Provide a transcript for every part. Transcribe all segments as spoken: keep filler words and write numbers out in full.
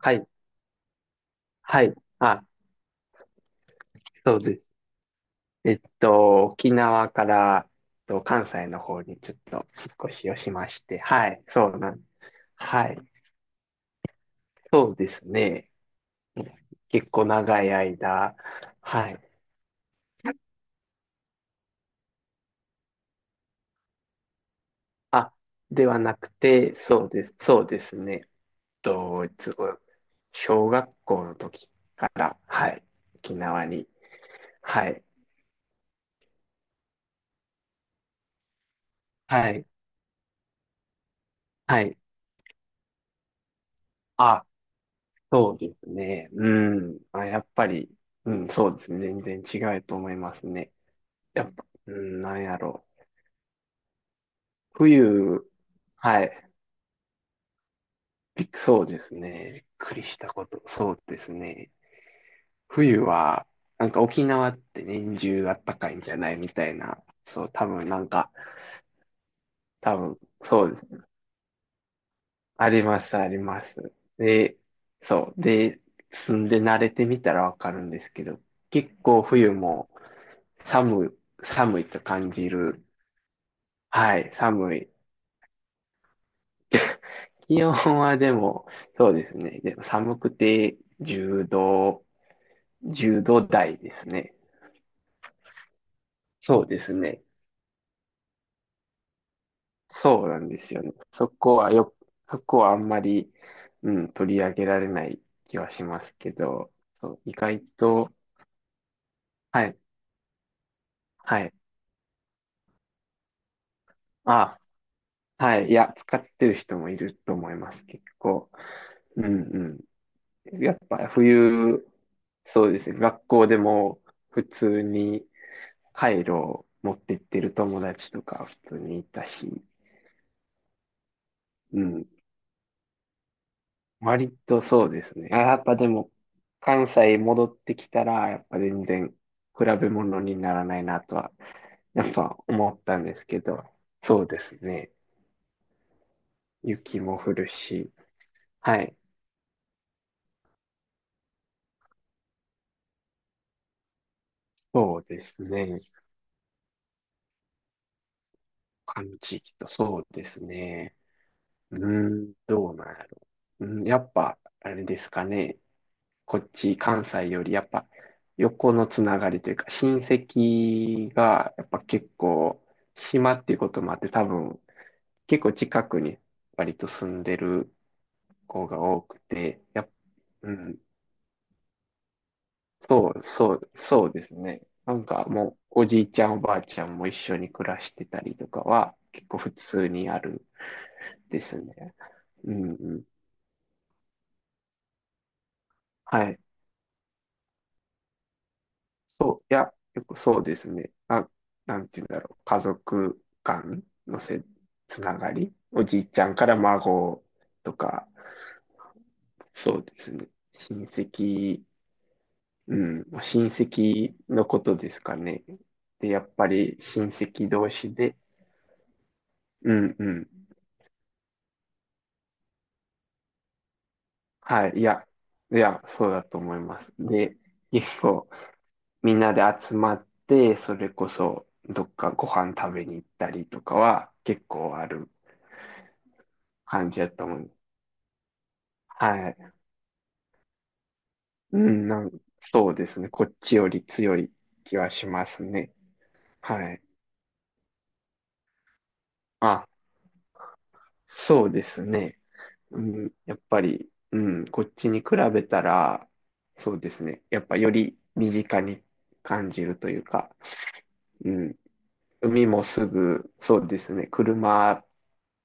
はい、はい。あ、そうです。えっと、沖縄から、えっと、関西の方にちょっと引っ越しをしまして、はい、そうなん、はい、そうですね。結構長い間、はい。あ、ではなくて、そうです、そうですね。えっと、いつご、小学校の時から、はい、沖縄に、はい、はい、はい。あ、そうですね。うん。あ、やっぱり、うん、そうですね。全然違うと思いますね。やっぱ、うん、なんやろう。冬、はい。びっそうですね。びっくりしたこと。そうですね。冬は、なんか沖縄って年中あったかいんじゃないみたいな。そう、多分なんか、多分、そうです。あります、あります。で、そう。で、住んで慣れてみたらわかるんですけど、結構冬も、寒い、寒いと感じる。はい、寒い。気温はでも、そうですね。でも寒くてじゅうど、じゅうど台ですね。そうですね。そうなんですよね。そこはよ、そこはあんまり、うん、取り上げられない気はしますけど、そう、意外と、はい、はい。あ、はい。いや、使ってる人もいると思います。結構。うんうん。やっぱ冬、そうですね。学校でも普通にカイロを持ってってる友達とか普通にいたし、うん。割とそうですね。あ、やっぱでも、関西戻ってきたら、やっぱ全然比べ物にならないなとは、やっぱ思ったんですけど、そうですね。雪も降るし、はい。そうですね。他の地域とそうですね。うーん、どうなんやろ。うん、やっぱ、あれですかね。こっち、関西より、やっぱ、横のつながりというか、親戚が、やっぱ結構、島っていうこともあって、多分、結構近くに、割と住んでる子が多くて、やっ、うん、そう、そう、そうですね。なんかもう、おじいちゃん、おばあちゃんも一緒に暮らしてたりとかは、結構普通にあるですね。うん、うん。はい。そう、いや、よくそうですね。あ、なんて言うんだろう。家族間のせ、つながり。おじいちゃんから孫とか、そうですね。親戚、うん、まあ親戚のことですかね。で、やっぱり親戚同士で、うんうん。はい、いや、いや、そうだと思います。で、結構みんなで集まって、それこそどっかご飯食べに行ったりとかは結構ある感じだと思う。はい。うん、なん、そうですね。こっちより強い気はしますね。はい。あ、そうですね。うん、やっぱり、うん、こっちに比べたら、そうですね。やっぱより身近に感じるというか、うん、海もすぐ、そうですね。車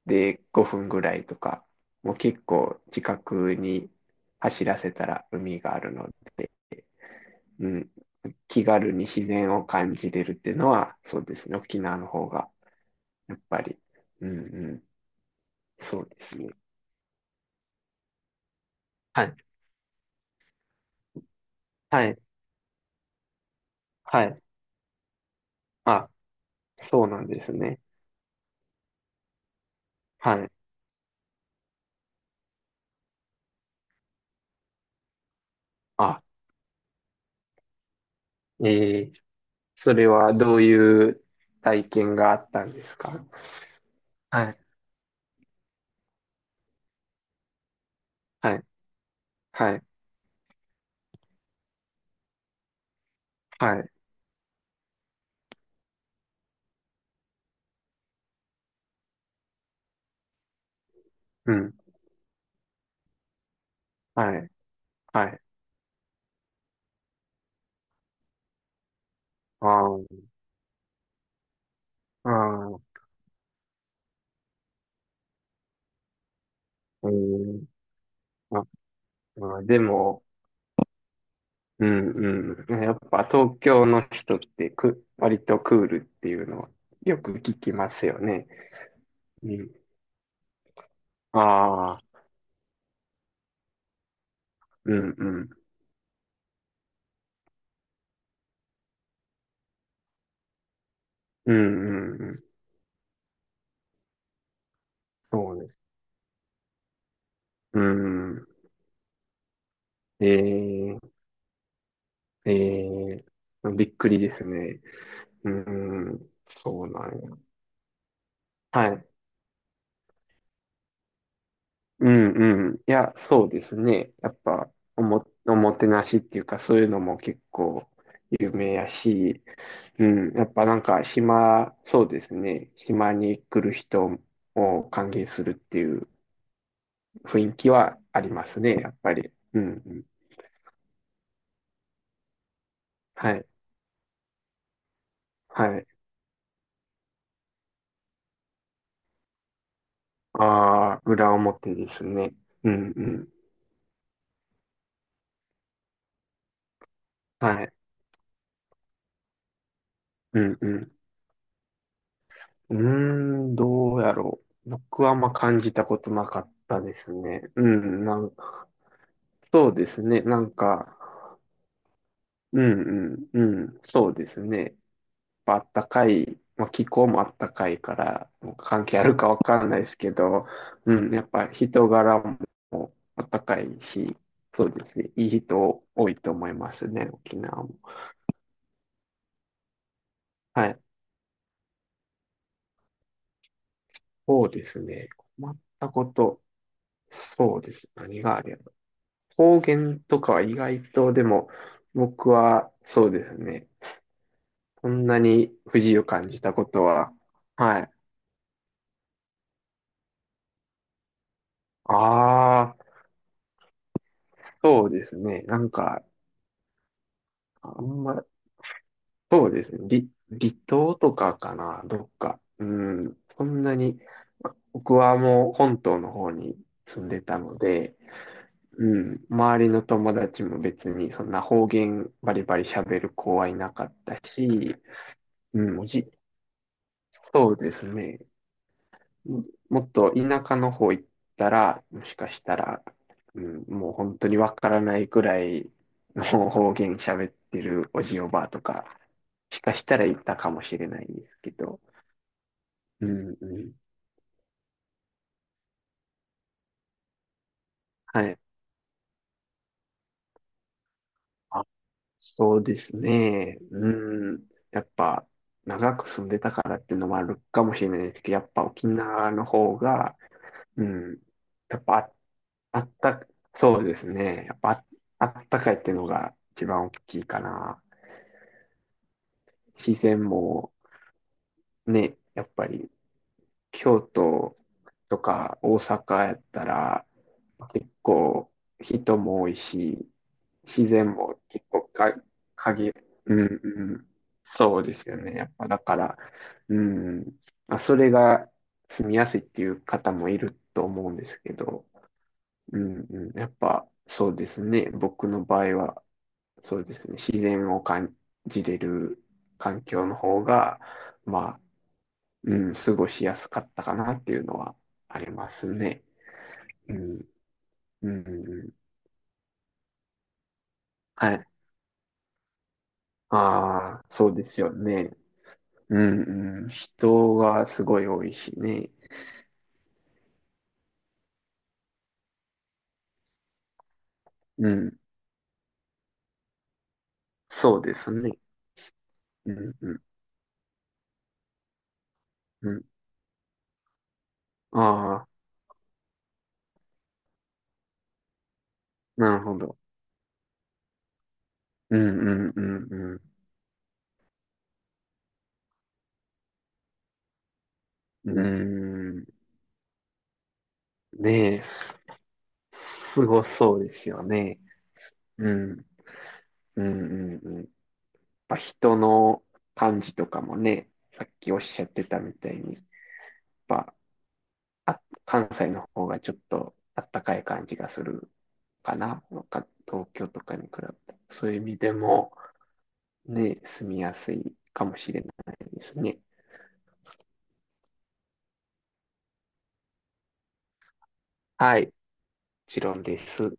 でごふんぐらいとか、もう結構近くに走らせたら海があるので、うん、気軽に自然を感じれるっていうのは、そうですね。沖縄の方が、やっぱり。うんうん。そうですね。はい。はい。はい。あ、そうなんですね。はい。あ、えー、それはどういう体験があったんですか？はい。はい。はい。はい。うん。はい。はい。あーあー、うん。あ、まあーでも、うんうん。やっぱ東京の人ってく、割とクールっていうのはよく聞きますよね。うん。ああ、うんうん。うんうんうん。そうです。うん。ええええびっくりですね。うん。そうなんや。はい。うんうん。いや、そうですね。やっぱ、おも、おもてなしっていうか、そういうのも結構有名やし、うん。やっぱなんか、島、そうですね。島に来る人を歓迎するっていう雰囲気はありますね、やっぱり。うんうん。はい。はい。ああ、裏表ですね。うんうん。はい。うんうん。うーん、どうやろう。僕はあんま感じたことなかったですね。うん、なんそうですね。なんか、うんうんうん、そうですね。まあったかい、まあ、気候もあったかいから、関係あるかわかんないですけど、うん、やっぱ人柄もあったかいし、そうですね。いい人多いと思いますね、沖縄も。はい。そうですね。困ったこと、そうです。何があれば。方言とかは意外と、でも、僕は、そうですね。そんなに不自由感じたことは、はい。ああ、そうですね。なんか、あんま、そうですね。り離島とかかな、どっか。うん、そんなに、ま僕はもう本島の方に住んでたので、うん、周りの友達も別にそんな方言バリバリ喋る子はいなかったし、うん、もうじ、そうですね。ももっと田舎の方行ったら、もしかしたら、うん、もう本当にわからないくらいの方言喋ってるおじおばあとか、もしかしたらいたかもしれないんですけど。うんうん。はい。あ、そうですね。うん。やっぱ、長く住んでたからっていうのもあるかもしれないですけど、やっぱ沖縄の方が、うん。やっぱあ、あった、そうですね。やっぱあ、あったかいっていうのが一番大きいかな。自然もね、やっぱり京都とか大阪やったら結構人も多いし、自然も結構か、限うんうん。そうですよね。やっぱだから、うん。まあ、それが住みやすいっていう方もいると思うんですけど、うんうん。やっぱそうですね。僕の場合は、そうですね。自然を感じれる環境の方が、まあ、うん、過ごしやすかったかなっていうのはありますね。うん、うん、はい。ああ、そうですよね。うん、うん、人がすごい多いしね。うん、そうですね。うん、うん、うん。ああ、なるほど。うん、うん、うん、うん。うん、ねえ、す、すごそうですよね。うん、うん、うん、うん。やっぱ人の感じとかもね、さっきおっしゃってたみたいに、やっぱあ、関西の方がちょっとあったかい感じがするかな。か東京とかに比べて。そういう意味でも、ね、住みやすいかもしれないですね。はい、もちろんです。